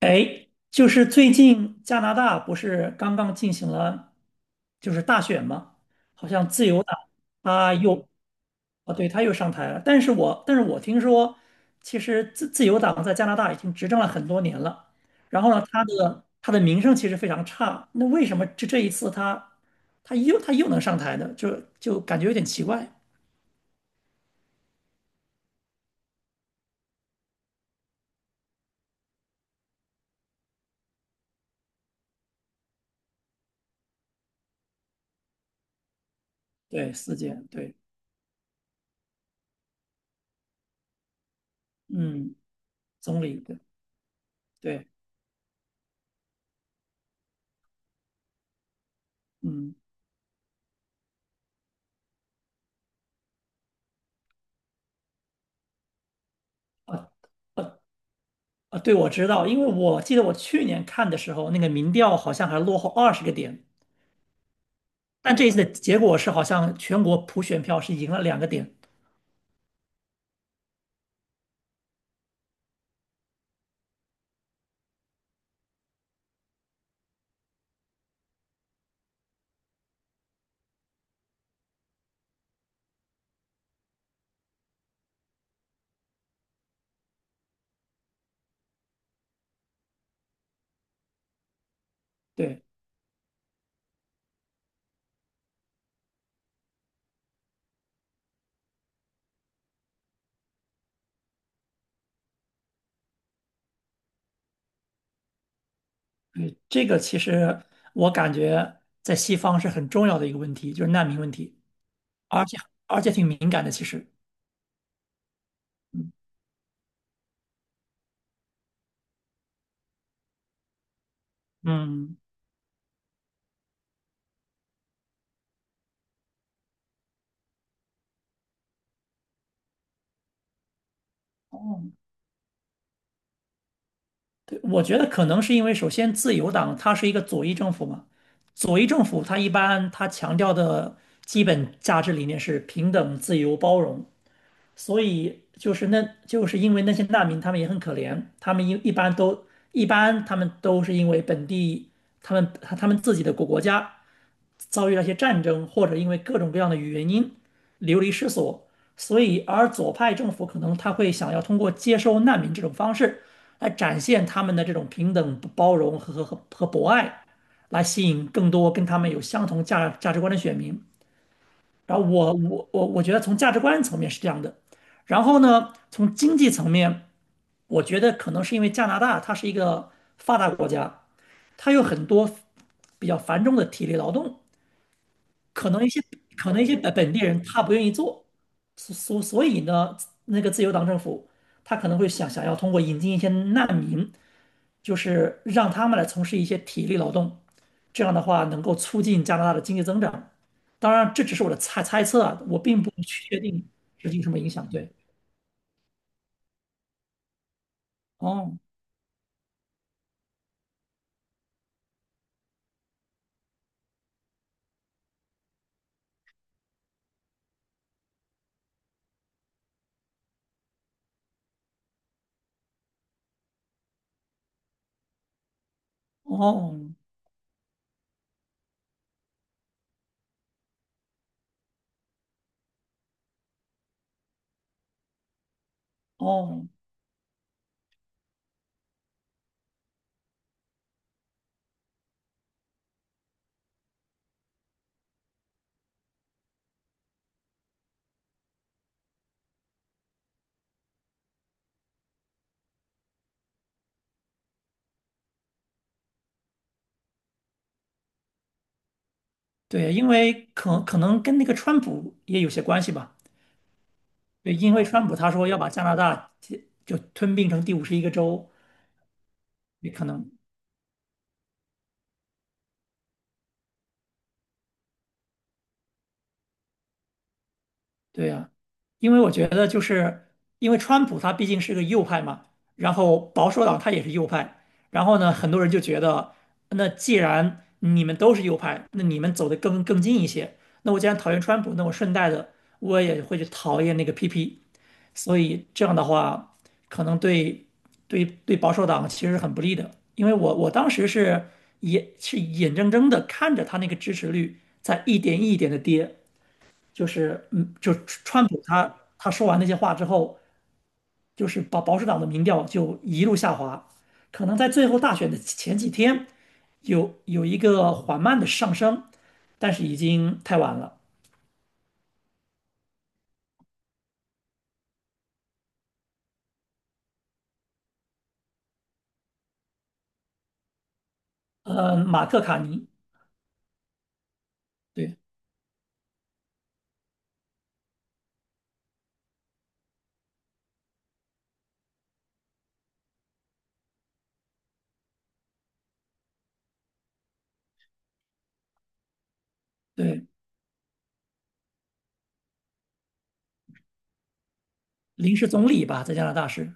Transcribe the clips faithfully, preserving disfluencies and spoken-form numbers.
哎，就是最近加拿大不是刚刚进行了就是大选吗？好像自由党他又啊，对，他又上台了。但是我但是我听说，其实自自由党在加拿大已经执政了很多年了。然后呢，他的他的名声其实非常差。那为什么这这一次他他又他又能上台呢？就就感觉有点奇怪。对，四届，对，嗯，总理，对对，嗯。啊。啊啊，对，我知道，因为我记得我去年看的时候，那个民调好像还落后二十个点，但这一次的结果是好像全国普选票是赢了两个点。对，嗯，这个其实我感觉在西方是很重要的一个问题，就是难民问题，而且而且挺敏感的。其实，嗯嗯，哦，对，我觉得可能是因为首先自由党它是一个左翼政府嘛，左翼政府它一般它强调的基本价值理念是平等、自由、包容。所以就是那就是因为那些难民，他们也很可怜，他们一一般都一般他们都是因为本地他们他们自己的国国家遭遇了一些战争，或者因为各种各样的原因流离失所。所以，而左派政府可能他会想要通过接收难民这种方式，来展现他们的这种平等、包容和和和和博爱，来吸引更多跟他们有相同价价值观的选民。然后我我我我觉得从价值观层面是这样的，然后呢，从经济层面，我觉得可能是因为加拿大它是一个发达国家，它有很多比较繁重的体力劳动，可能一些可能一些本本地人他不愿意做，所所所以呢，那个自由党政府他可能会想想要通过引进一些难民就是让他们来从事一些体力劳动，这样的话能够促进加拿大的经济增长。当然，这只是我的猜猜测啊，我并不确定实际有什么影响。对，哦，哦，哦，对，因为可可能跟那个川普也有些关系吧。对，因为川普他说要把加拿大就吞并成第五十一个州，也可能。对呀，因为我觉得就是因为川普他毕竟是个右派嘛，然后保守党他也是右派，然后呢，很多人就觉得，那既然你们都是右派，那你们走得更更近一些，那我既然讨厌川普，那我顺带的我也会去讨厌那个 P P，所以这样的话，可能对对对保守党其实是很不利的，因为我我当时是眼是眼睁睁的看着他那个支持率在一点一点的跌。就是嗯，就川普他他说完那些话之后，就是保保守党的民调就一路下滑，可能在最后大选的前几天有有一个缓慢的上升，但是已经太晚了。呃，马克卡尼，对对，临时总理吧，在加拿大是，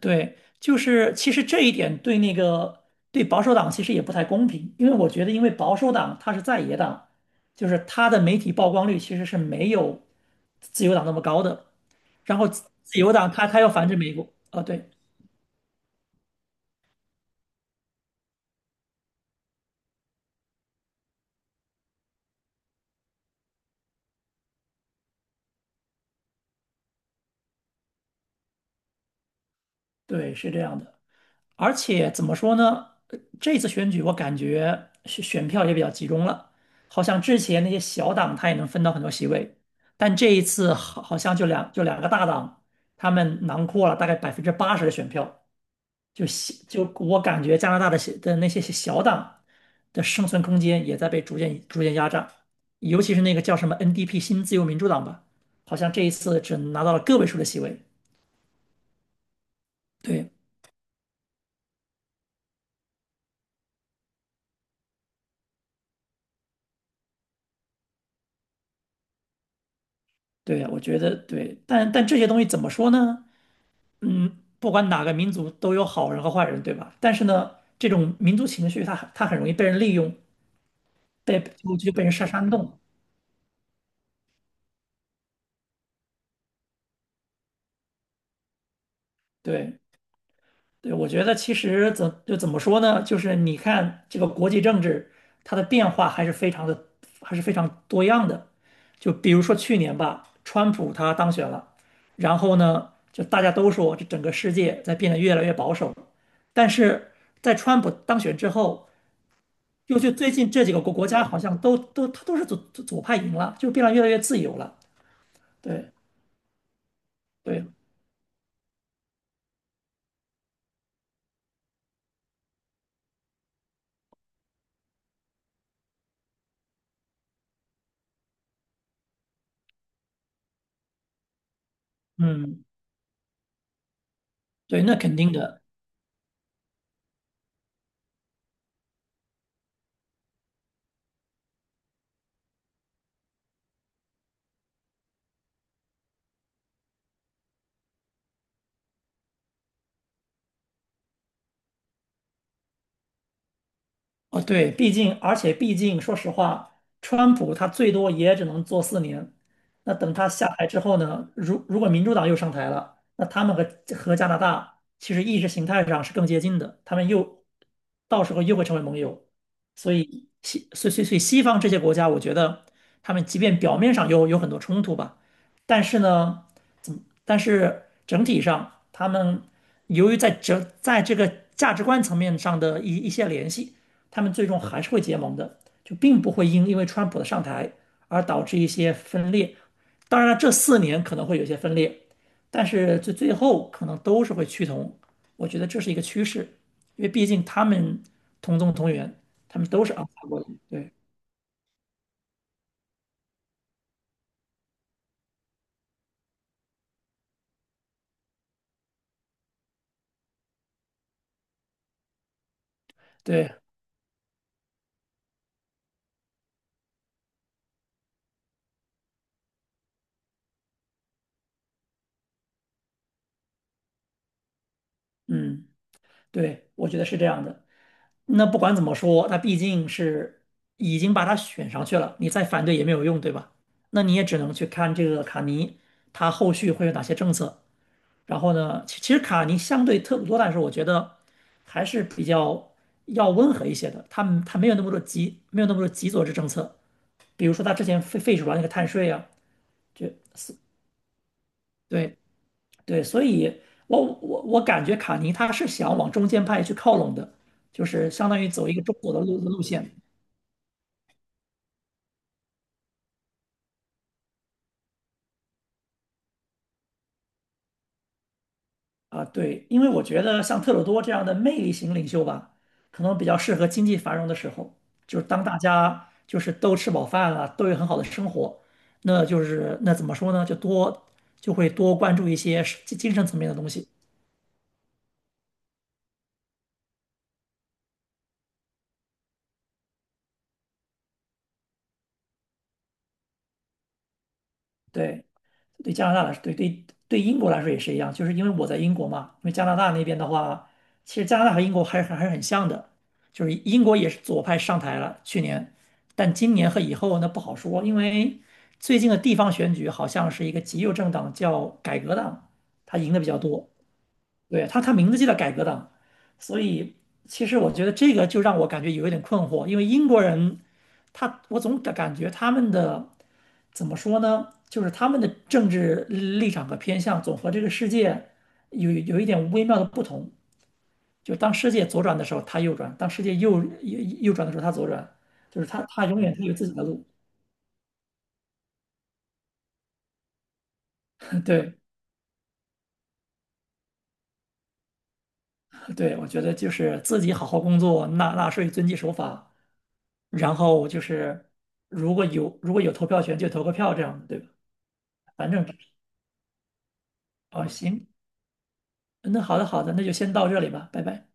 对，就是其实这一点对那个对保守党其实也不太公平，因为我觉得因为保守党它是在野党，就是它的媒体曝光率其实是没有自由党那么高的。然后自自由党他他要反制美国，啊，对对，是这样的。而且怎么说呢？呃这次选举我感觉选选票也比较集中了，好像之前那些小党他也能分到很多席位，但这一次好好像就两就两个大党，他们囊括了大概百分之八十的选票，就小就我感觉加拿大的小的那些小党的生存空间也在被逐渐逐渐压榨，尤其是那个叫什么 N D P 新自由民主党吧，好像这一次只拿到了个位数的席位。对对啊，我觉得对，但但这些东西怎么说呢？嗯，不管哪个民族都有好人和坏人，对吧？但是呢，这种民族情绪它很它很容易被人利用，被就就被人煽煽动。对对，我觉得其实怎就怎么说呢？就是你看这个国际政治，它的变化还是非常的还是非常多样的。就比如说去年吧，川普他当选了，然后呢，就大家都说这整个世界在变得越来越保守。但是在川普当选之后，又就最近这几个国国家好像都都他都是左左左派赢了，就变得越来越自由了。对对，嗯，对，那肯定的。哦，对，毕竟，而且毕竟，说实话，川普他最多也只能做四年。那等他下台之后呢，如如果民主党又上台了，那他们和和加拿大其实意识形态上是更接近的，他们又到时候又会成为盟友。所以西，所以所以所以西方这些国家，我觉得他们即便表面上有有很多冲突吧，但是呢，怎么？但是整体上，他们由于在这在这个价值观层面上的一一些联系。他们最终还是会结盟的，就并不会因因为川普的上台而导致一些分裂。当然了，这四年可能会有些分裂，但是最最后可能都是会趋同。我觉得这是一个趋势，因为毕竟他们同宗同源，他们都是昂萨过去对对，嗯，对，我觉得是这样的。那不管怎么说，那毕竟是已经把他选上去了，你再反对也没有用，对吧？那你也只能去看这个卡尼他后续会有哪些政策。然后呢，其其实卡尼相对特鲁多但是我觉得还是比较要温和一些的。他他没有那么多极，没有那么多极左之政策。比如说他之前废废除了那个碳税啊，就是对对，所以我我我感觉卡尼他是想往中间派去靠拢的，就是相当于走一个中国的路路线。啊，对，因为我觉得像特鲁多这样的魅力型领袖吧，可能比较适合经济繁荣的时候，就是当大家就是都吃饱饭了，都有很好的生活，那就是那怎么说呢，就多就会多关注一些是精神层面的东西。对。对加拿大来说，对对对英国来说也是一样，就是因为我在英国嘛，因为加拿大那边的话，其实加拿大和英国还是还是很像的，就是英国也是左派上台了去年，但今年和以后呢不好说，因为最近的地方选举好像是一个极右政党叫改革党，他赢的比较多，对，他他名字就叫改革党，所以其实我觉得这个就让我感觉有一点困惑，因为英国人他我总感感觉他们的怎么说呢，就是他们的政治立场和偏向总和这个世界有有一点微妙的不同，就当世界左转的时候他右转，当世界右右右转的时候他左转，就是他他永远他有自己的路。对对，我觉得就是自己好好工作，纳纳税，遵纪守法。然后就是如果有如果有投票权就投个票这样的，对吧？反正哦行，那好的好的，那就先到这里吧，拜拜。